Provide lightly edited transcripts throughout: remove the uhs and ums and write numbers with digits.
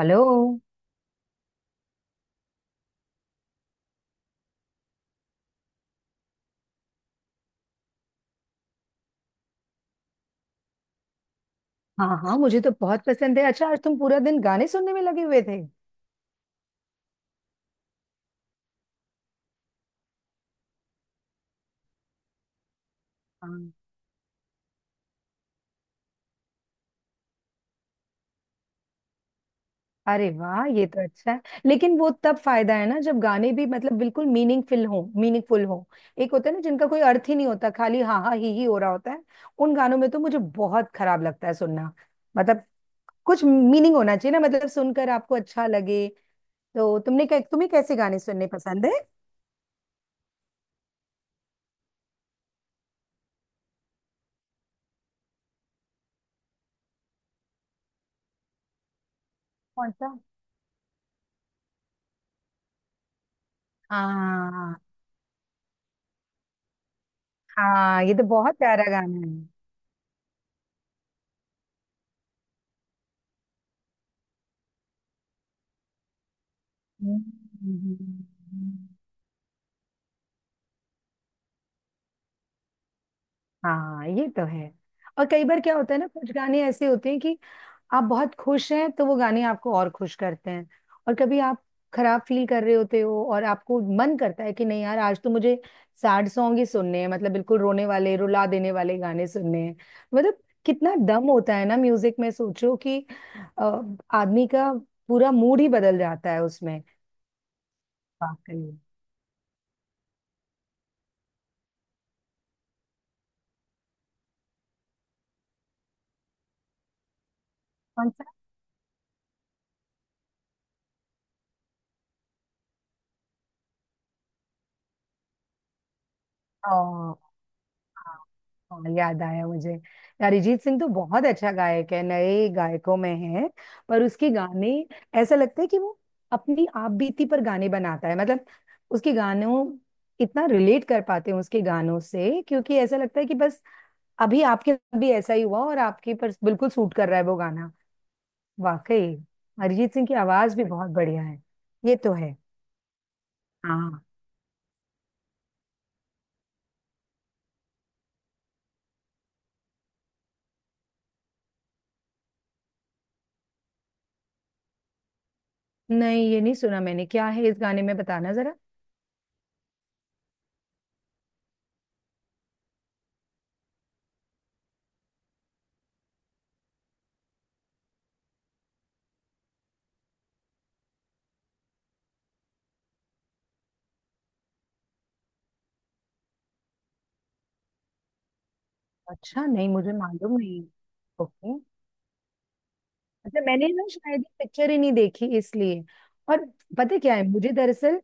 Hello. हाँ हाँ, मुझे तो बहुत पसंद है। अच्छा, आज तुम पूरा दिन गाने सुनने में लगे हुए थे। हाँ। अरे वाह, ये तो अच्छा है। लेकिन वो तब फायदा है ना, जब गाने भी मतलब बिल्कुल मीनिंगफुल हो, मीनिंगफुल हो। एक होता है ना, जिनका कोई अर्थ ही नहीं होता, खाली हाँ हाँ ही हो रहा होता है। उन गानों में तो मुझे बहुत खराब लगता है सुनना। मतलब। कुछ मीनिंग होना चाहिए ना, मतलब सुनकर आपको अच्छा लगे। तो तुम्हें कैसे गाने सुनने पसंद है? कौन सा? हाँ हाँ, ये तो बहुत प्यारा गाना है। हम्म, हम्म, हम्म, हम्म। हाँ, ये तो है। और कई बार क्या होता है ना, कुछ गाने ऐसे होते हैं कि आप बहुत खुश हैं, तो वो गाने आपको और खुश करते हैं। और कभी आप खराब फील कर रहे होते हो, और आपको मन करता है कि नहीं यार, आज तो मुझे सैड सॉन्ग ही सुनने हैं, मतलब बिल्कुल रोने वाले रुला देने वाले गाने सुनने हैं। मतलब। कितना दम होता है ना म्यूजिक में, सोचो कि आदमी का पूरा मूड ही बदल जाता है उसमें। वाकई। कौन सा? हाँ, याद आया मुझे। यार अरिजीत सिंह तो बहुत अच्छा गायक है, नए गायकों में है। पर उसके गाने, ऐसा लगता है कि वो अपनी आप बीती पर गाने बनाता है, मतलब उसके गानों इतना रिलेट कर पाते हैं उसके गानों से, क्योंकि ऐसा लगता है कि बस अभी आपके साथ भी ऐसा ही हुआ, और आपके पर बिल्कुल सूट कर रहा है वो गाना। वाकई। अरिजीत सिंह की आवाज भी बहुत बढ़िया है। ये तो है। हाँ। नहीं, ये नहीं सुना मैंने। क्या है इस गाने में, बताना जरा। अच्छा, नहीं मुझे मालूम नहीं। ओके। अच्छा, मैंने ना शायद पिक्चर ही नहीं देखी, इसलिए। और, पता है क्या है मुझे, दरअसल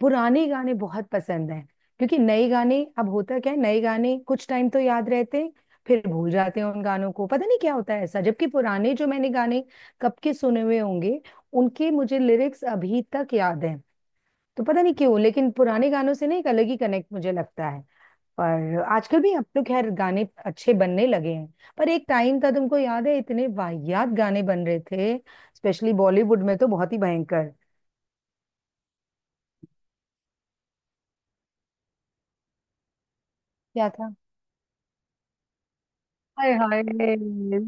पुराने गाने बहुत पसंद हैं। क्योंकि नए गाने, अब होता क्या है, नए गाने कुछ टाइम तो याद रहते हैं, फिर भूल जाते हैं उन गानों को, पता नहीं क्या होता है ऐसा। जबकि पुराने जो मैंने गाने कब के सुने हुए होंगे, उनके मुझे लिरिक्स अभी तक याद हैं। तो पता नहीं क्यों, लेकिन पुराने गानों से ना एक अलग ही कनेक्ट मुझे लगता है। पर आजकल भी, अब तो खैर गाने अच्छे बनने लगे हैं। पर एक टाइम था, तुमको याद है, इतने वाहियात गाने बन रहे थे। स्पेशली बॉलीवुड में तो बहुत ही भयंकर। क्या था? हाय हाय।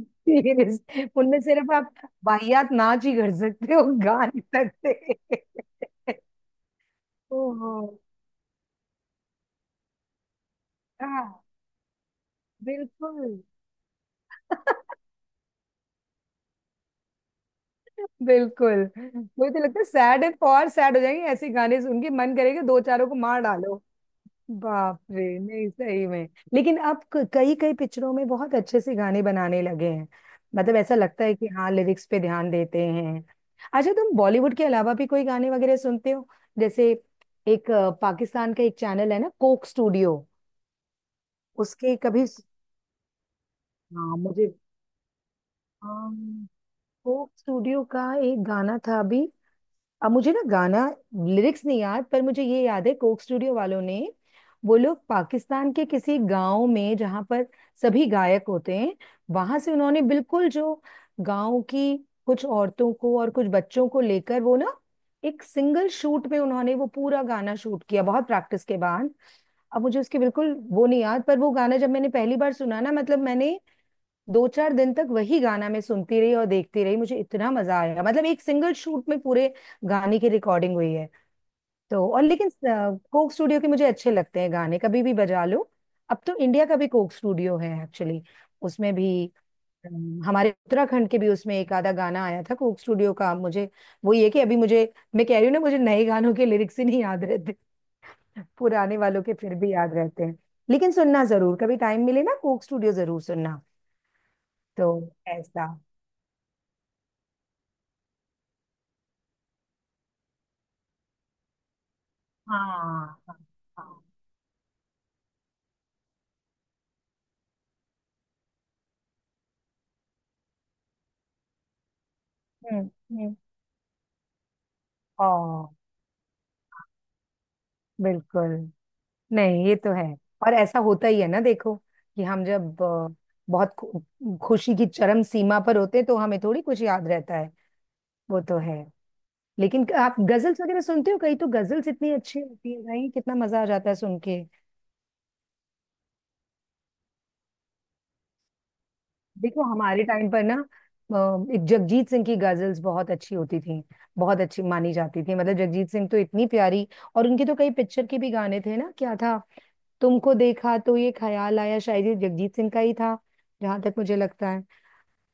सीरियस? उनमें सिर्फ आप वाहियात नाच ही कर सकते हो, गा नहीं सकते। ओहो। हाँ, बिल्कुल। बिल्कुल। मुझे तो लगता है सैड है और सैड हो जाएंगे, ऐसे गाने सुन के मन करेगा दो चारों को मार डालो। बाप रे, नहीं सही में। लेकिन अब कई कई पिक्चरों में बहुत अच्छे से गाने बनाने लगे हैं। मतलब ऐसा लगता है कि हाँ, लिरिक्स पे ध्यान देते हैं। अच्छा, तुम बॉलीवुड के अलावा भी कोई गाने वगैरह सुनते हो? जैसे एक पाकिस्तान का एक चैनल है ना, कोक स्टूडियो। उसके कभी हाँ मुझे, हाँ, कोक स्टूडियो का एक गाना था अभी। अब मुझे ना गाना लिरिक्स नहीं याद, पर मुझे ये याद है कोक स्टूडियो वालों ने, वो लोग पाकिस्तान के किसी गांव में, जहां पर सभी गायक होते हैं, वहां से उन्होंने बिल्कुल जो गांव की कुछ औरतों को और कुछ बच्चों को लेकर, वो ना एक सिंगल शूट में उन्होंने वो पूरा गाना शूट किया बहुत प्रैक्टिस के बाद। अब मुझे उसके बिल्कुल वो नहीं याद, पर वो गाना जब मैंने पहली बार सुना ना, मतलब मैंने दो चार दिन तक वही गाना मैं सुनती रही और देखती रही, मुझे इतना मजा आया। मतलब एक सिंगल शूट में पूरे गाने की रिकॉर्डिंग हुई है। तो और लेकिन कोक स्टूडियो के मुझे अच्छे लगते हैं गाने, कभी भी बजा लो। अब तो इंडिया का भी कोक स्टूडियो है एक्चुअली, उसमें भी हमारे उत्तराखंड के भी उसमें एक आधा गाना आया था कोक स्टूडियो का मुझे। वो ये कि अभी मुझे, मैं कह रही हूँ ना, मुझे नए गानों के लिरिक्स ही नहीं याद रहते। पुराने वालों के फिर भी याद रहते हैं। लेकिन सुनना जरूर, कभी टाइम मिले ना, कोक स्टूडियो जरूर सुनना। तो ऐसा। हाँ हाँ हाँ। हम्म हम्म। ओ, बिल्कुल। नहीं, ये तो है। और ऐसा होता ही है ना, देखो कि हम जब बहुत खुशी की चरम सीमा पर होते हैं, तो हमें थोड़ी कुछ याद रहता है। वो तो है। लेकिन आप गजल्स वगैरह सुनते हो कहीं? तो गजल्स इतनी अच्छी होती है भाई, कितना मजा आ जाता है सुन के। देखो हमारे टाइम पर ना, एक जगजीत सिंह की गजल्स बहुत अच्छी होती थी, बहुत अच्छी मानी जाती थी, मतलब जगजीत सिंह तो इतनी प्यारी। और उनके तो कई पिक्चर के भी गाने थे ना, क्या था? तुमको देखा तो ये ख्याल आया, शायद ये जगजीत सिंह का ही था, जहां तक मुझे लगता है।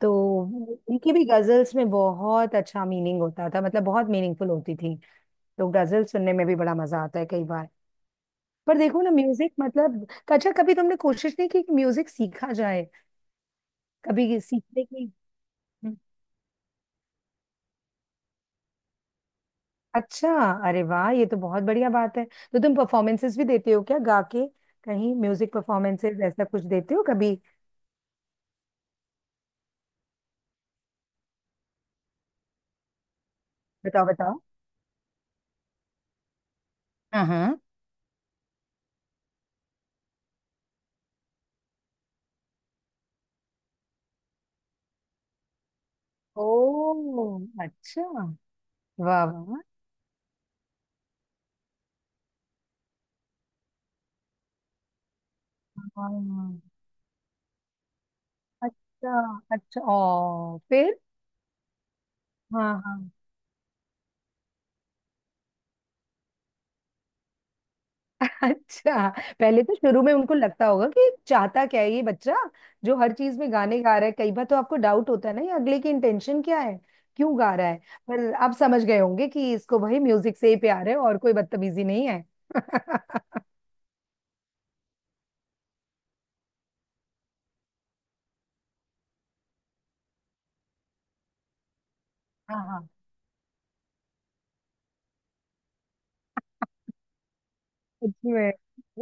तो उनकी भी गजल्स में बहुत अच्छा मीनिंग होता था, मतलब बहुत मीनिंगफुल होती थी। तो गजल सुनने में भी बड़ा मजा आता है कई बार। पर देखो ना म्यूजिक मतलब, अच्छा कभी तुमने कोशिश नहीं की कि म्यूजिक सीखा जाए? कभी सीखने की? अच्छा, अरे वाह, ये तो बहुत बढ़िया बात है। तो तुम परफॉर्मेंसेस भी देते हो क्या गा के? कहीं म्यूजिक परफॉर्मेंसेस ऐसा कुछ देते हो कभी? बताओ बताओ। हाँ। ओ अच्छा। वाह वाह वाह। हाँ, अच्छा अच्छा, ओ फिर। हाँ हाँ। अच्छा, पहले तो शुरू में उनको लगता होगा कि चाहता क्या है ये बच्चा, जो हर चीज में गाने गा रहा है। कई बार तो आपको डाउट होता है ना, ये अगले की इंटेंशन क्या है, क्यों गा रहा है। पर आप समझ गए होंगे कि इसको भाई म्यूजिक से ही प्यार है, और कोई बदतमीजी नहीं है। हाँ, सच में।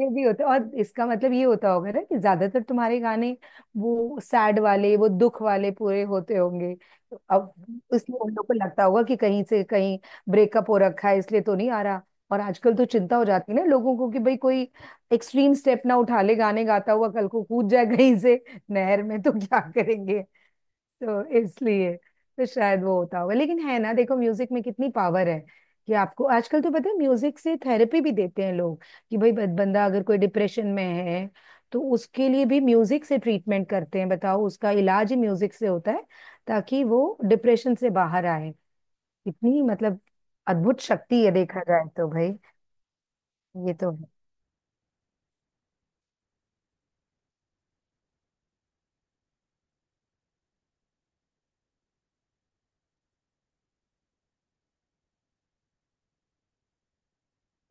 ये भी होता है, और इसका मतलब ये होता होगा ना कि ज्यादातर तुम्हारे गाने वो सैड वाले वो दुख वाले पूरे होते होंगे, तो अब इसलिए उन लोगों को लगता होगा कि कहीं से कहीं ब्रेकअप हो रखा है, इसलिए तो नहीं आ रहा। और आजकल तो चिंता हो जाती है ना लोगों को कि भाई कोई एक्सट्रीम स्टेप ना उठा ले, गाने गाता हुआ कल को कूद जाए कहीं से नहर में, तो क्या करेंगे। तो इसलिए, तो शायद वो होता होगा, लेकिन है ना देखो म्यूजिक में कितनी पावर है, कि आपको आजकल तो पता है म्यूजिक से थेरेपी भी देते हैं लोग, कि भाई बंदा अगर कोई डिप्रेशन में है, तो उसके लिए भी म्यूजिक से ट्रीटमेंट करते हैं, बताओ उसका इलाज ही म्यूजिक से होता है, ताकि वो डिप्रेशन से बाहर आए। इतनी मतलब अद्भुत शक्ति है देखा जाए तो भाई। ये तो है।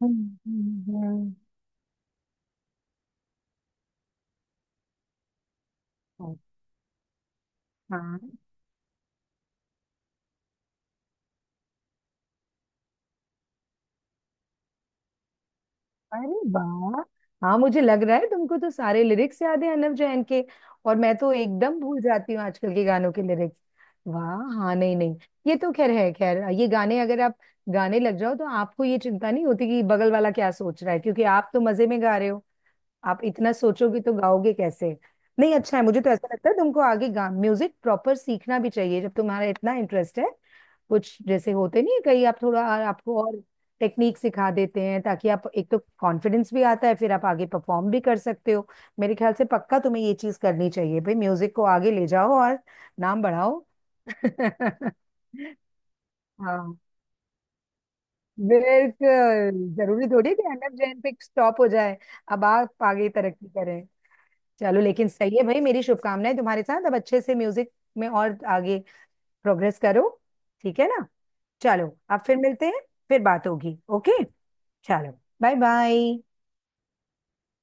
हम्म हम्म हम्म, हम्म। हाँ, अरे वाह। हाँ, मुझे लग रहा है तुमको तो सारे लिरिक्स याद है अनव जैन के। और मैं तो एकदम भूल जाती हूँ आजकल के गानों के लिरिक्स। वाह, हाँ, नहीं नहीं, ये तो खैर है। खैर ये गाने अगर आप गाने लग जाओ, तो आपको ये चिंता नहीं होती कि बगल वाला क्या सोच रहा है, क्योंकि आप तो मजे में गा रहे हो। आप इतना सोचोगे तो गाओगे कैसे? नहीं अच्छा है, मुझे तो ऐसा लगता है तुमको आगे गा म्यूजिक प्रॉपर सीखना भी चाहिए, जब तुम्हारा इतना इंटरेस्ट है। कुछ जैसे होते नहीं है, कहीं आप थोड़ा आपको और टेक्निक सिखा देते हैं, ताकि आप एक, तो कॉन्फिडेंस भी आता है, फिर आप आगे परफॉर्म भी कर सकते हो। मेरे ख्याल से पक्का तुम्हें ये चीज करनी चाहिए भाई, म्यूजिक को आगे ले जाओ और नाम बढ़ाओ। हाँ, बिल्कुल जरूरी थोड़ी है कि अनब जैन पे स्टॉप हो जाए। अब आप आगे तरक्की करें। चलो, लेकिन सही है भाई, मेरी शुभकामनाएं तुम्हारे साथ, अब अच्छे से म्यूजिक में और आगे प्रोग्रेस करो। ठीक है ना। चलो, अब फिर मिलते हैं। फिर बात होगी, ओके। चलो, बाय बाय।